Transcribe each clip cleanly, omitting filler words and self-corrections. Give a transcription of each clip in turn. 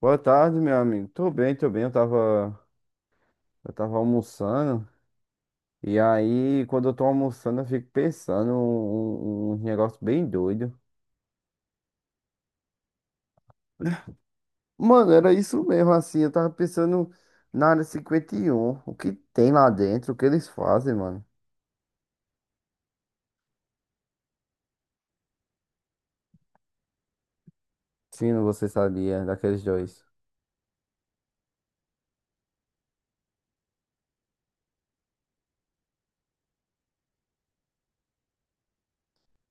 Boa tarde, meu amigo. Tô bem, tô bem. Eu tava almoçando. E aí, quando eu tô almoçando, eu fico pensando um negócio bem doido. Mano, era isso mesmo, assim. Eu tava pensando na área 51. O que tem lá dentro? O que eles fazem, mano? Fino, você sabia daqueles dois.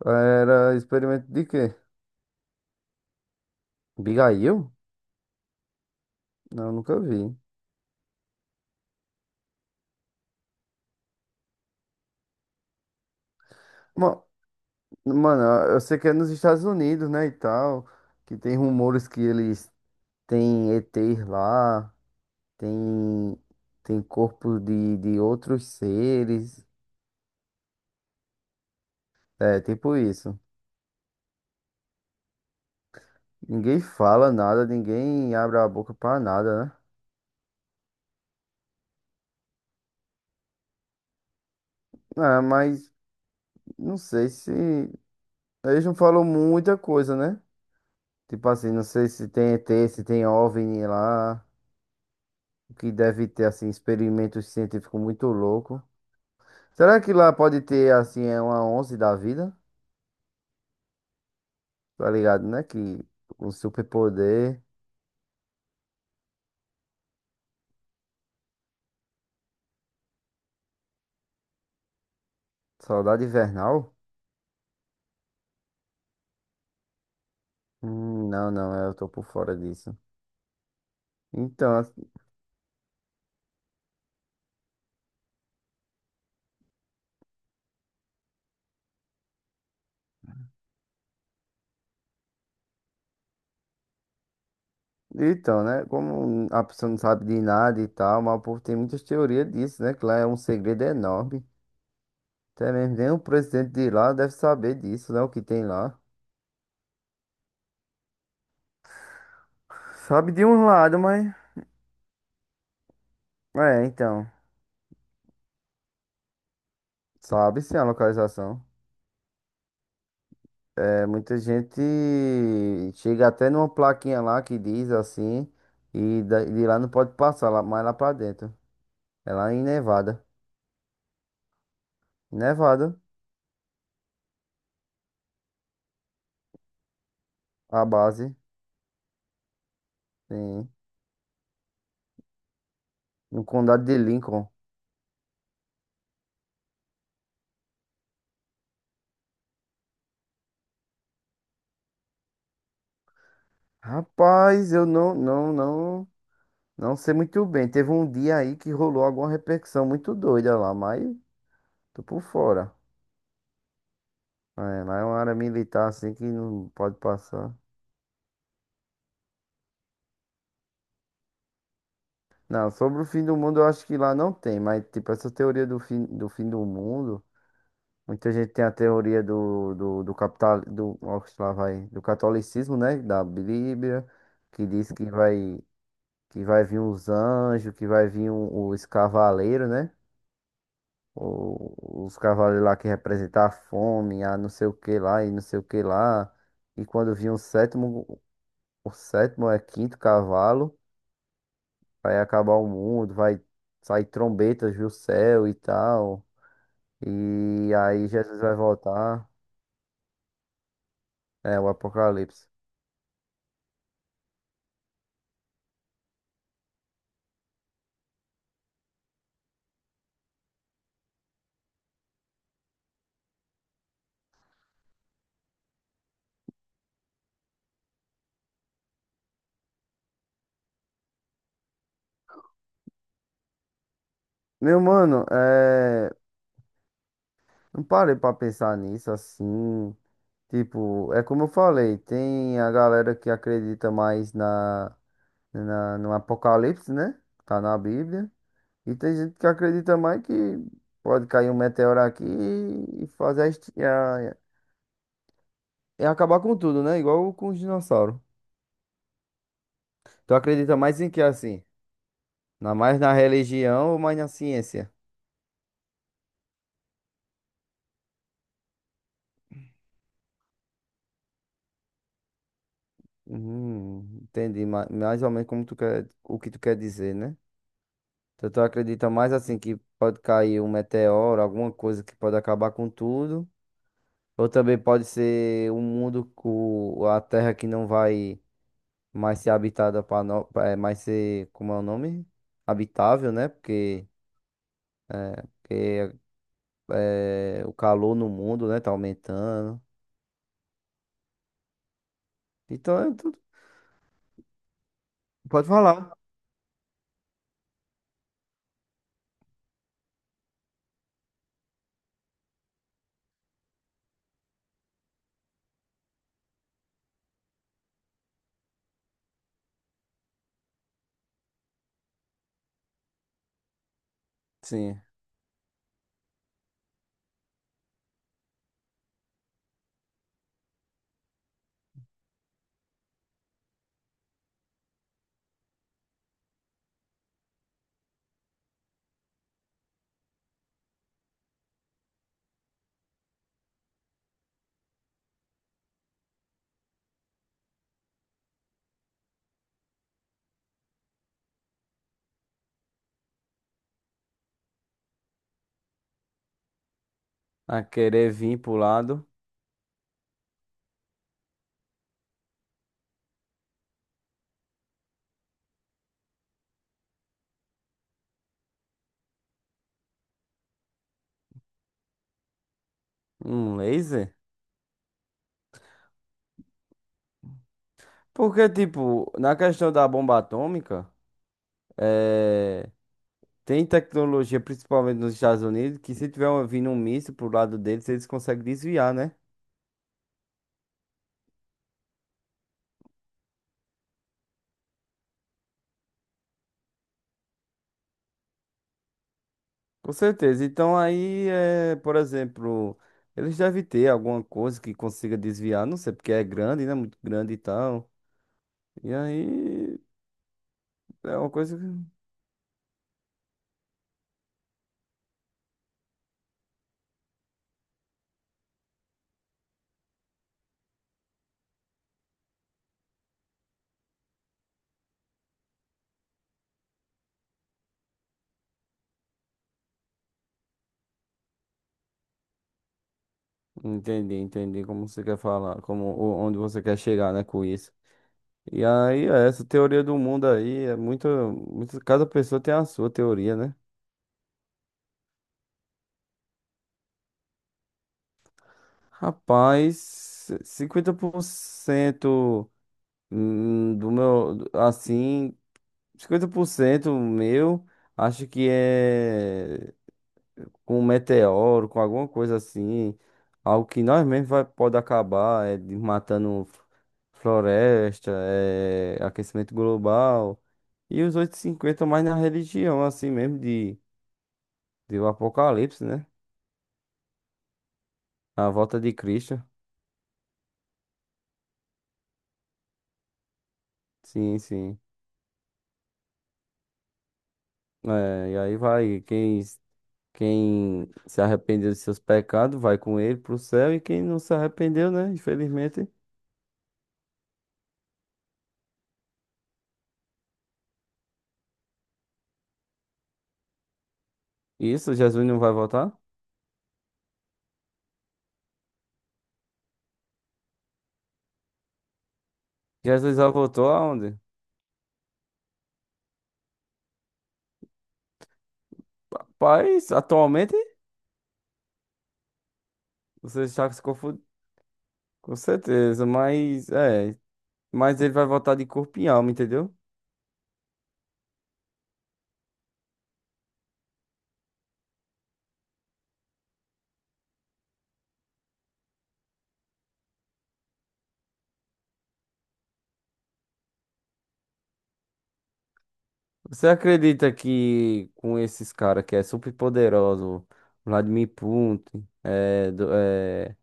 Era experimento de quê? Abigail? Não, nunca vi. Ma- Mano, eu sei que é nos Estados Unidos, né, e tal, que tem rumores que eles tem ETs lá, tem, tem corpo de outros seres. É, tipo isso. Ninguém fala nada, ninguém abre a boca pra nada, né? Ah, mas não sei se. Eles não falam muita coisa, né? Tipo assim, não sei se tem ET, se tem OVNI lá. O que deve ter, assim, experimentos científicos muito louco. Será que lá pode ter, assim, é uma onze da vida? Tá ligado, né? Que um superpoder. Saudade invernal. Não, não, é, eu tô por fora disso. Então, ass- então, né? Como a pessoa não sabe de nada e tal, mas o povo tem muitas teorias disso, né? Que lá é um segredo enorme. Até mesmo nem o presidente de lá deve saber disso, né? O que tem lá. Sabe de um lado, mas. É, então. Sabe sim a localização. É, muita gente chega até numa plaquinha lá que diz assim, e de lá não pode passar, lá, mais lá pra dentro. É lá em Nevada. Nevada, a base. Sim. No condado de Lincoln. Rapaz, eu não sei muito bem. Teve um dia aí que rolou alguma repercussão muito doida lá, mas tô por fora. É, lá é uma área militar assim que não pode passar. Não, sobre o fim do mundo eu acho que lá não tem, mas tipo, essa teoria do fim do mundo, muita gente tem a teoria do capital, do, ó, lá vai, do catolicismo, né? Da Bíblia, que diz que vai vir os anjos, que vai vir os cavaleiros, né? Os cavalos lá que representam a fome, a não sei o que lá e não sei o que lá. E quando vir o sétimo é quinto cavalo, vai acabar o mundo, vai sair trombetas do céu e tal. E aí Jesus vai voltar. É o Apocalipse. Meu mano, é, não parei pra pensar nisso assim. Tipo, é como eu falei, tem a galera que acredita mais no Apocalipse, né? Tá na Bíblia. E tem gente que acredita mais que pode cair um meteoro aqui e fazer a e acabar com tudo, né? Igual com os dinossauros. Tu acredita mais em que assim? Mais na religião ou mais na ciência? Uhum, entendi. Mais ou menos como tu quer, o que tu quer dizer, né? Então tu acredita mais assim que pode cair um meteoro, alguma coisa que pode acabar com tudo. Ou também pode ser um mundo, com a Terra que não vai mais ser habitada para no... pra- é, mais ser, como é o nome? Habitável, né? Porque é, o calor no mundo, né, tá aumentando. Então é tudo. Pode falar. Sim. A querer vir pro lado. Um laser? Porque, tipo, na questão da bomba atômica, é, tem tecnologia, principalmente nos Estados Unidos, que se tiver vindo um míssil pro lado deles, eles conseguem desviar, né? Com certeza. Então aí, é, por exemplo, eles devem ter alguma coisa que consiga desviar, não sei, porque é grande, né? Muito grande e tal. E aí é uma coisa que... Entendi, entendi como você quer falar, como onde você quer chegar, né, com isso. E aí, é, essa teoria do mundo aí é muito, muito, cada pessoa tem a sua teoria, né? Rapaz, 50% do meu, assim, 50% meu, acho que é com um meteoro, com alguma coisa assim. Algo que nós mesmos vai, pode acabar, matando floresta, é aquecimento global. E os 8,50 mais na religião, assim mesmo, de o Apocalipse, né? A volta de Cristo. Sim, sim. É, e aí vai, quem se arrependeu de seus pecados, vai com ele pro céu, e quem não se arrependeu, né? Infelizmente. Isso, Jesus não vai voltar? Jesus já voltou aonde? Rapaz, atualmente você está se confundindo, com certeza, mas ele vai voltar de corpo e alma, entendeu? Você acredita que com esses caras que é super poderoso, Vladimir Putin, é, do- é,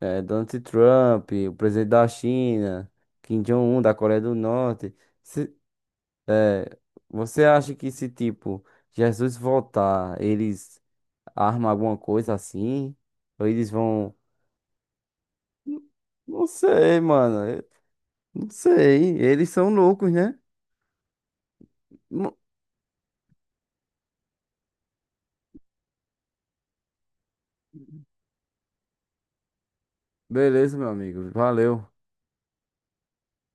é, Donald Trump, o presidente da China, Kim Jong-un da Coreia do Norte, se- você acha que esse tipo Jesus voltar, eles arma alguma coisa assim? Ou eles vão. N- Não sei, mano. Não sei. Eles são loucos, né? Mo- Beleza, meu amigo. Valeu.